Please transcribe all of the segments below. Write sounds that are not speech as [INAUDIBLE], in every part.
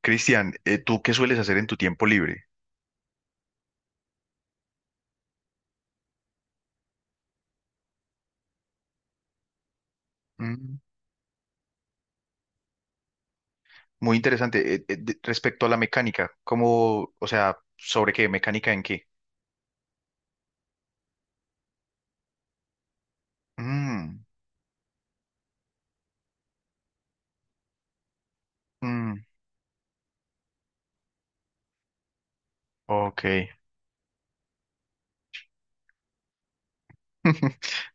Cristian, ¿tú qué sueles hacer en tu tiempo libre? Mm, muy interesante. Respecto a la mecánica, ¿cómo, o sea, sobre qué? ¿Mecánica en qué? Mm, mm, ok. [LAUGHS]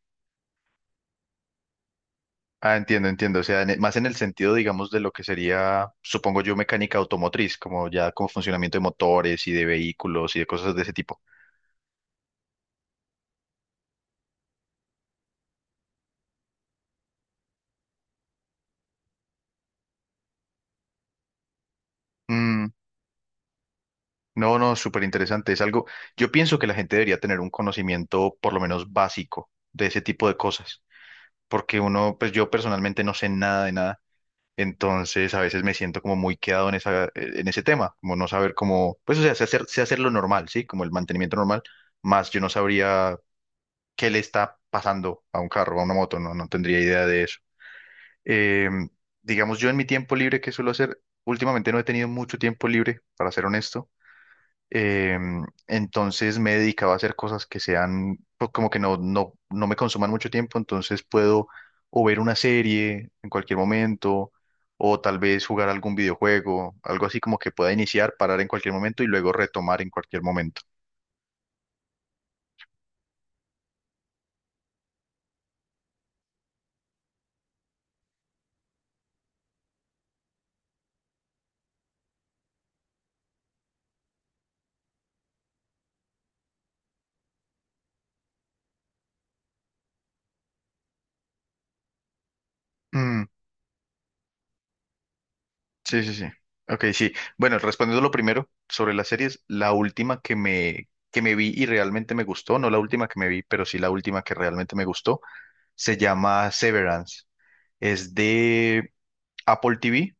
Ah, entiendo, entiendo. O sea, más en el sentido, digamos, de lo que sería, supongo yo, mecánica automotriz, como ya como funcionamiento de motores y de vehículos y de cosas de ese tipo. Mm, no, no, súper interesante. Es algo, yo pienso que la gente debería tener un conocimiento por lo menos básico de ese tipo de cosas. Porque uno, pues yo personalmente no sé nada de nada, entonces a veces me siento como muy quedado en esa, en ese tema, como no saber cómo, pues o sea, sé hacer lo normal, ¿sí? Como el mantenimiento normal, más yo no sabría qué le está pasando a un carro, a una moto, no, no tendría idea de eso. Eh, digamos, yo en mi tiempo libre, ¿qué suelo hacer? Últimamente no he tenido mucho tiempo libre, para ser honesto. Entonces me he dedicado a hacer cosas que sean pues, como que no me consuman mucho tiempo, entonces puedo o ver una serie en cualquier momento, o tal vez jugar algún videojuego, algo así como que pueda iniciar, parar en cualquier momento y luego retomar en cualquier momento. Mm, sí, sí, sí. Ok, sí. Bueno, respondiendo lo primero sobre las series, la última que me vi y realmente me gustó, no la última que me vi, pero sí la última que realmente me gustó, se llama Severance. Es de Apple TV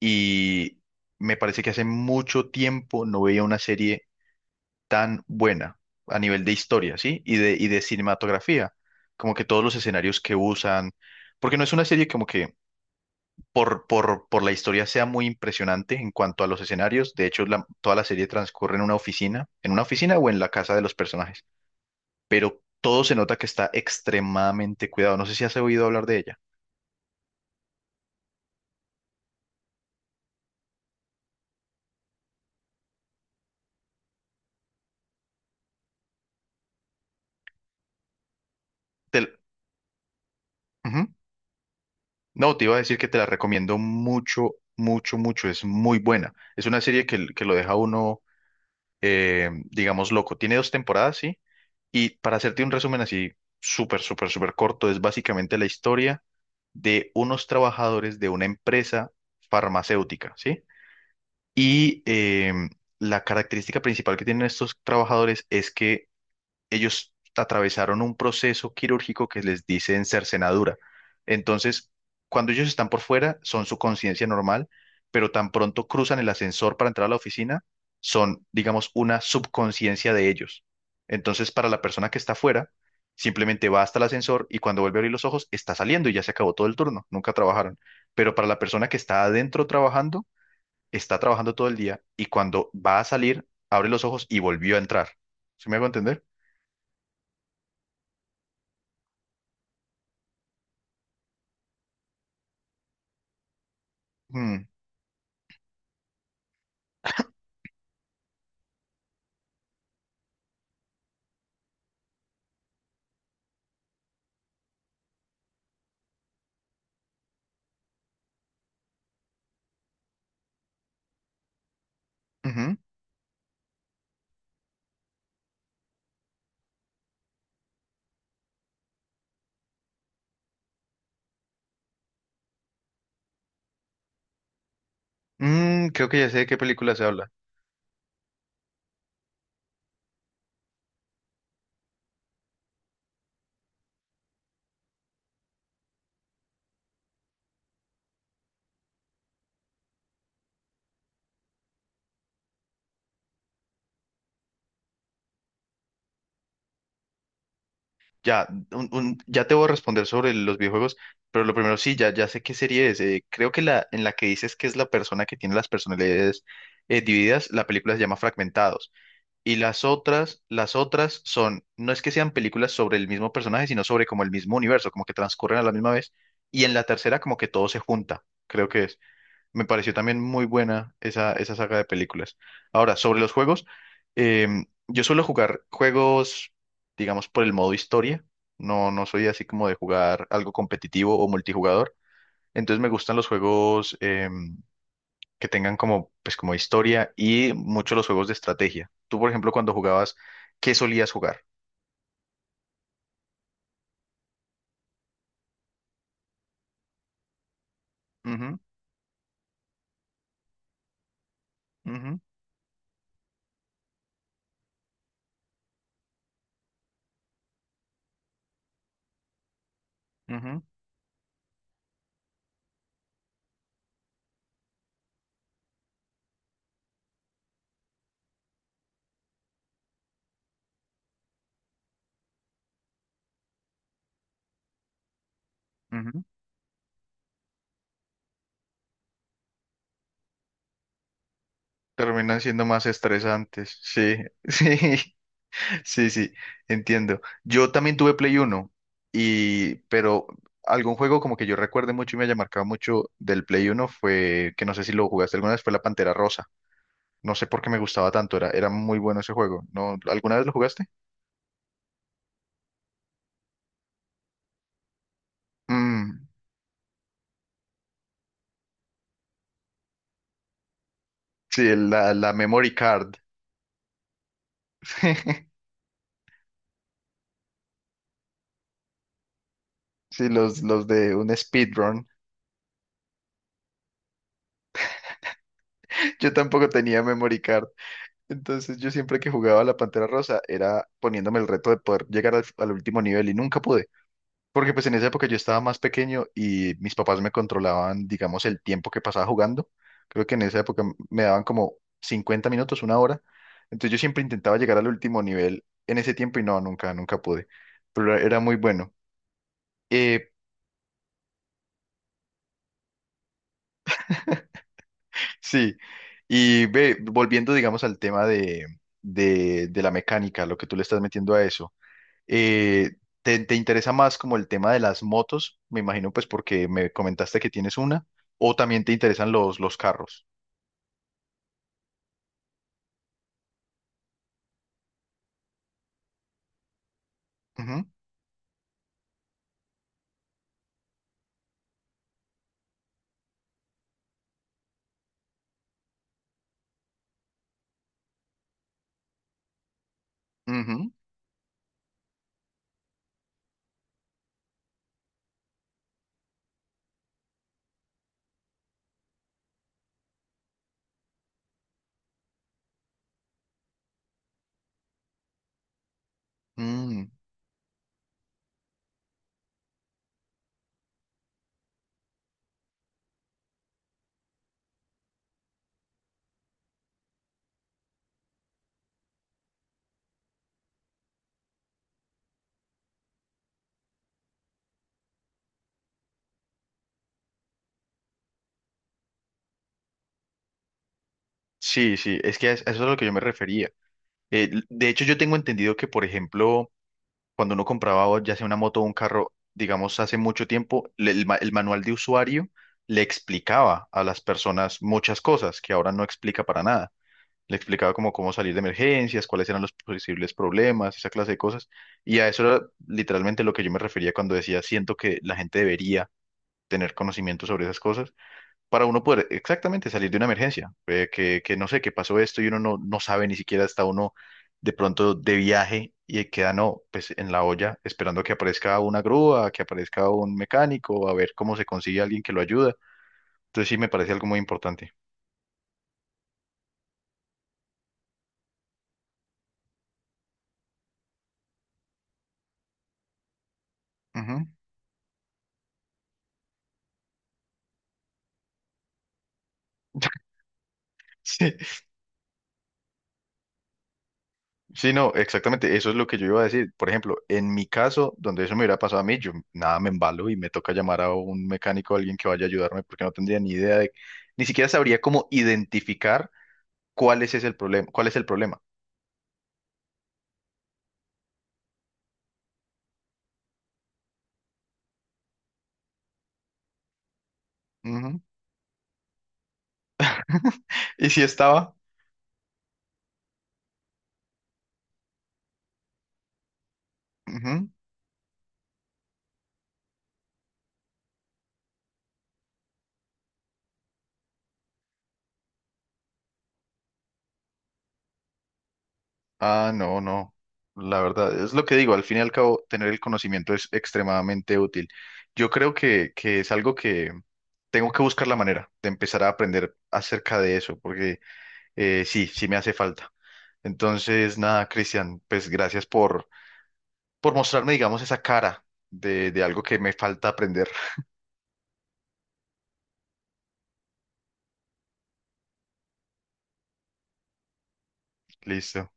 y me parece que hace mucho tiempo no veía una serie tan buena a nivel de historia, ¿sí? Y de cinematografía, como que todos los escenarios que usan, porque no es una serie como que por la historia sea muy impresionante en cuanto a los escenarios, de hecho toda la serie transcurre en una oficina o en la casa de los personajes, pero todo se nota que está extremadamente cuidado, no sé si has oído hablar de ella. Del- Ujú. No, te iba a decir que te la recomiendo mucho, mucho, mucho. Es muy buena. Es una serie que lo deja uno, digamos, loco. Tiene dos temporadas, sí. Y para hacerte un resumen así, súper, súper, súper corto, es básicamente la historia de unos trabajadores de una empresa farmacéutica, ¿sí? Y la característica principal que tienen estos trabajadores es que ellos atravesaron un proceso quirúrgico que les dicen cercenadura. Entonces, cuando ellos están por fuera, son su conciencia normal, pero tan pronto cruzan el ascensor para entrar a la oficina, son, digamos, una subconsciencia de ellos. Entonces, para la persona que está fuera, simplemente va hasta el ascensor y cuando vuelve a abrir los ojos, está saliendo y ya se acabó todo el turno, nunca trabajaron. Pero para la persona que está adentro trabajando, está trabajando todo el día y cuando va a salir, abre los ojos y volvió a entrar. ¿Se me hago entender? Mm. Ujú. Mm, creo que ya sé de qué película se habla. Ya, ya te voy a responder sobre los videojuegos, pero lo primero sí, ya, ya sé qué serie es. Creo que la en la que dices que es la persona que tiene las personalidades divididas, la película se llama Fragmentados. Y las otras son, no es que sean películas sobre el mismo personaje, sino sobre como el mismo universo, como que transcurren a la misma vez. Y en la tercera como que todo se junta, creo que es. Me pareció también muy buena esa, esa saga de películas. Ahora, sobre los juegos, yo suelo jugar juegos, digamos, por el modo historia. No, no soy así como de jugar algo competitivo o multijugador. Entonces me gustan los juegos que tengan como, pues, como historia y mucho los juegos de estrategia. Tú, por ejemplo, cuando jugabas, ¿qué solías jugar? Ujú, ujú, ujú, ujú. Terminan siendo más estresantes. Sí, [LAUGHS] sí. Sí, sí, entiendo. Yo también tuve Play Uno y pero algún juego como que yo recuerde mucho y me haya marcado mucho del Play Uno fue que no sé si lo jugaste alguna vez, fue la Pantera Rosa. No sé por qué me gustaba tanto, era, era muy bueno ese juego. ¿No? ¿Alguna vez lo jugaste? Mm, sí, la memory card. [LAUGHS] Sí, los de un speedrun. [LAUGHS] Yo tampoco tenía memory card. Entonces yo siempre que jugaba a la Pantera Rosa era poniéndome el reto de poder llegar al último nivel y nunca pude. Porque pues en esa época yo estaba más pequeño y mis papás me controlaban, digamos, el tiempo que pasaba jugando. Creo que en esa época me daban como 50 minutos, una hora. Entonces yo siempre intentaba llegar al último nivel en ese tiempo y no, nunca, nunca pude. Pero era muy bueno. Eh, [LAUGHS] sí. Y ve, volviendo, digamos, al tema de la mecánica, lo que tú le estás metiendo a eso. eh, ¿Te, te interesa más como el tema de las motos? Me imagino pues porque me comentaste que tienes una. ¿O también te interesan los carros? Ujú, ujú, mm. Sí, sí, es que a eso es a lo que yo me refería. De hecho, yo tengo entendido que, por ejemplo, cuando uno compraba o ya sea una moto o un carro, digamos, hace mucho tiempo, el manual de usuario le explicaba a las personas muchas cosas que ahora no explica para nada. Le explicaba como cómo salir de emergencias, cuáles eran los posibles problemas, esa clase de cosas. Y a eso era literalmente lo que yo me refería cuando decía, siento que la gente debería tener conocimiento sobre esas cosas para uno poder exactamente salir de una emergencia, que no sé, que pasó esto y uno no, no sabe ni siquiera está uno de pronto de viaje y queda no, pues en la olla esperando que aparezca una grúa, que aparezca un mecánico, a ver cómo se consigue alguien que lo ayuda. Entonces sí me parece algo muy importante. Ujú. [LAUGHS] Sí, sí, no, exactamente, eso es lo que yo iba a decir. Por ejemplo, en mi caso, donde eso me hubiera pasado a mí, yo nada me embalo y me toca llamar a un mecánico, a alguien que vaya a ayudarme, porque no tendría ni idea de, ni siquiera sabría cómo identificar ¿cuál es ese el problema? ¿Cuál es el problema? Ujú. [LAUGHS] ¿Y si estaba? Ujú. Ah, no, no. La verdad, es lo que digo, al fin y al cabo, tener el conocimiento es extremadamente útil. Yo creo que es algo que tengo que buscar la manera de empezar a aprender acerca de eso, porque sí, sí me hace falta. Entonces, nada, Cristian, pues gracias por mostrarme, digamos, esa cara de algo que me falta aprender. [LAUGHS] Listo.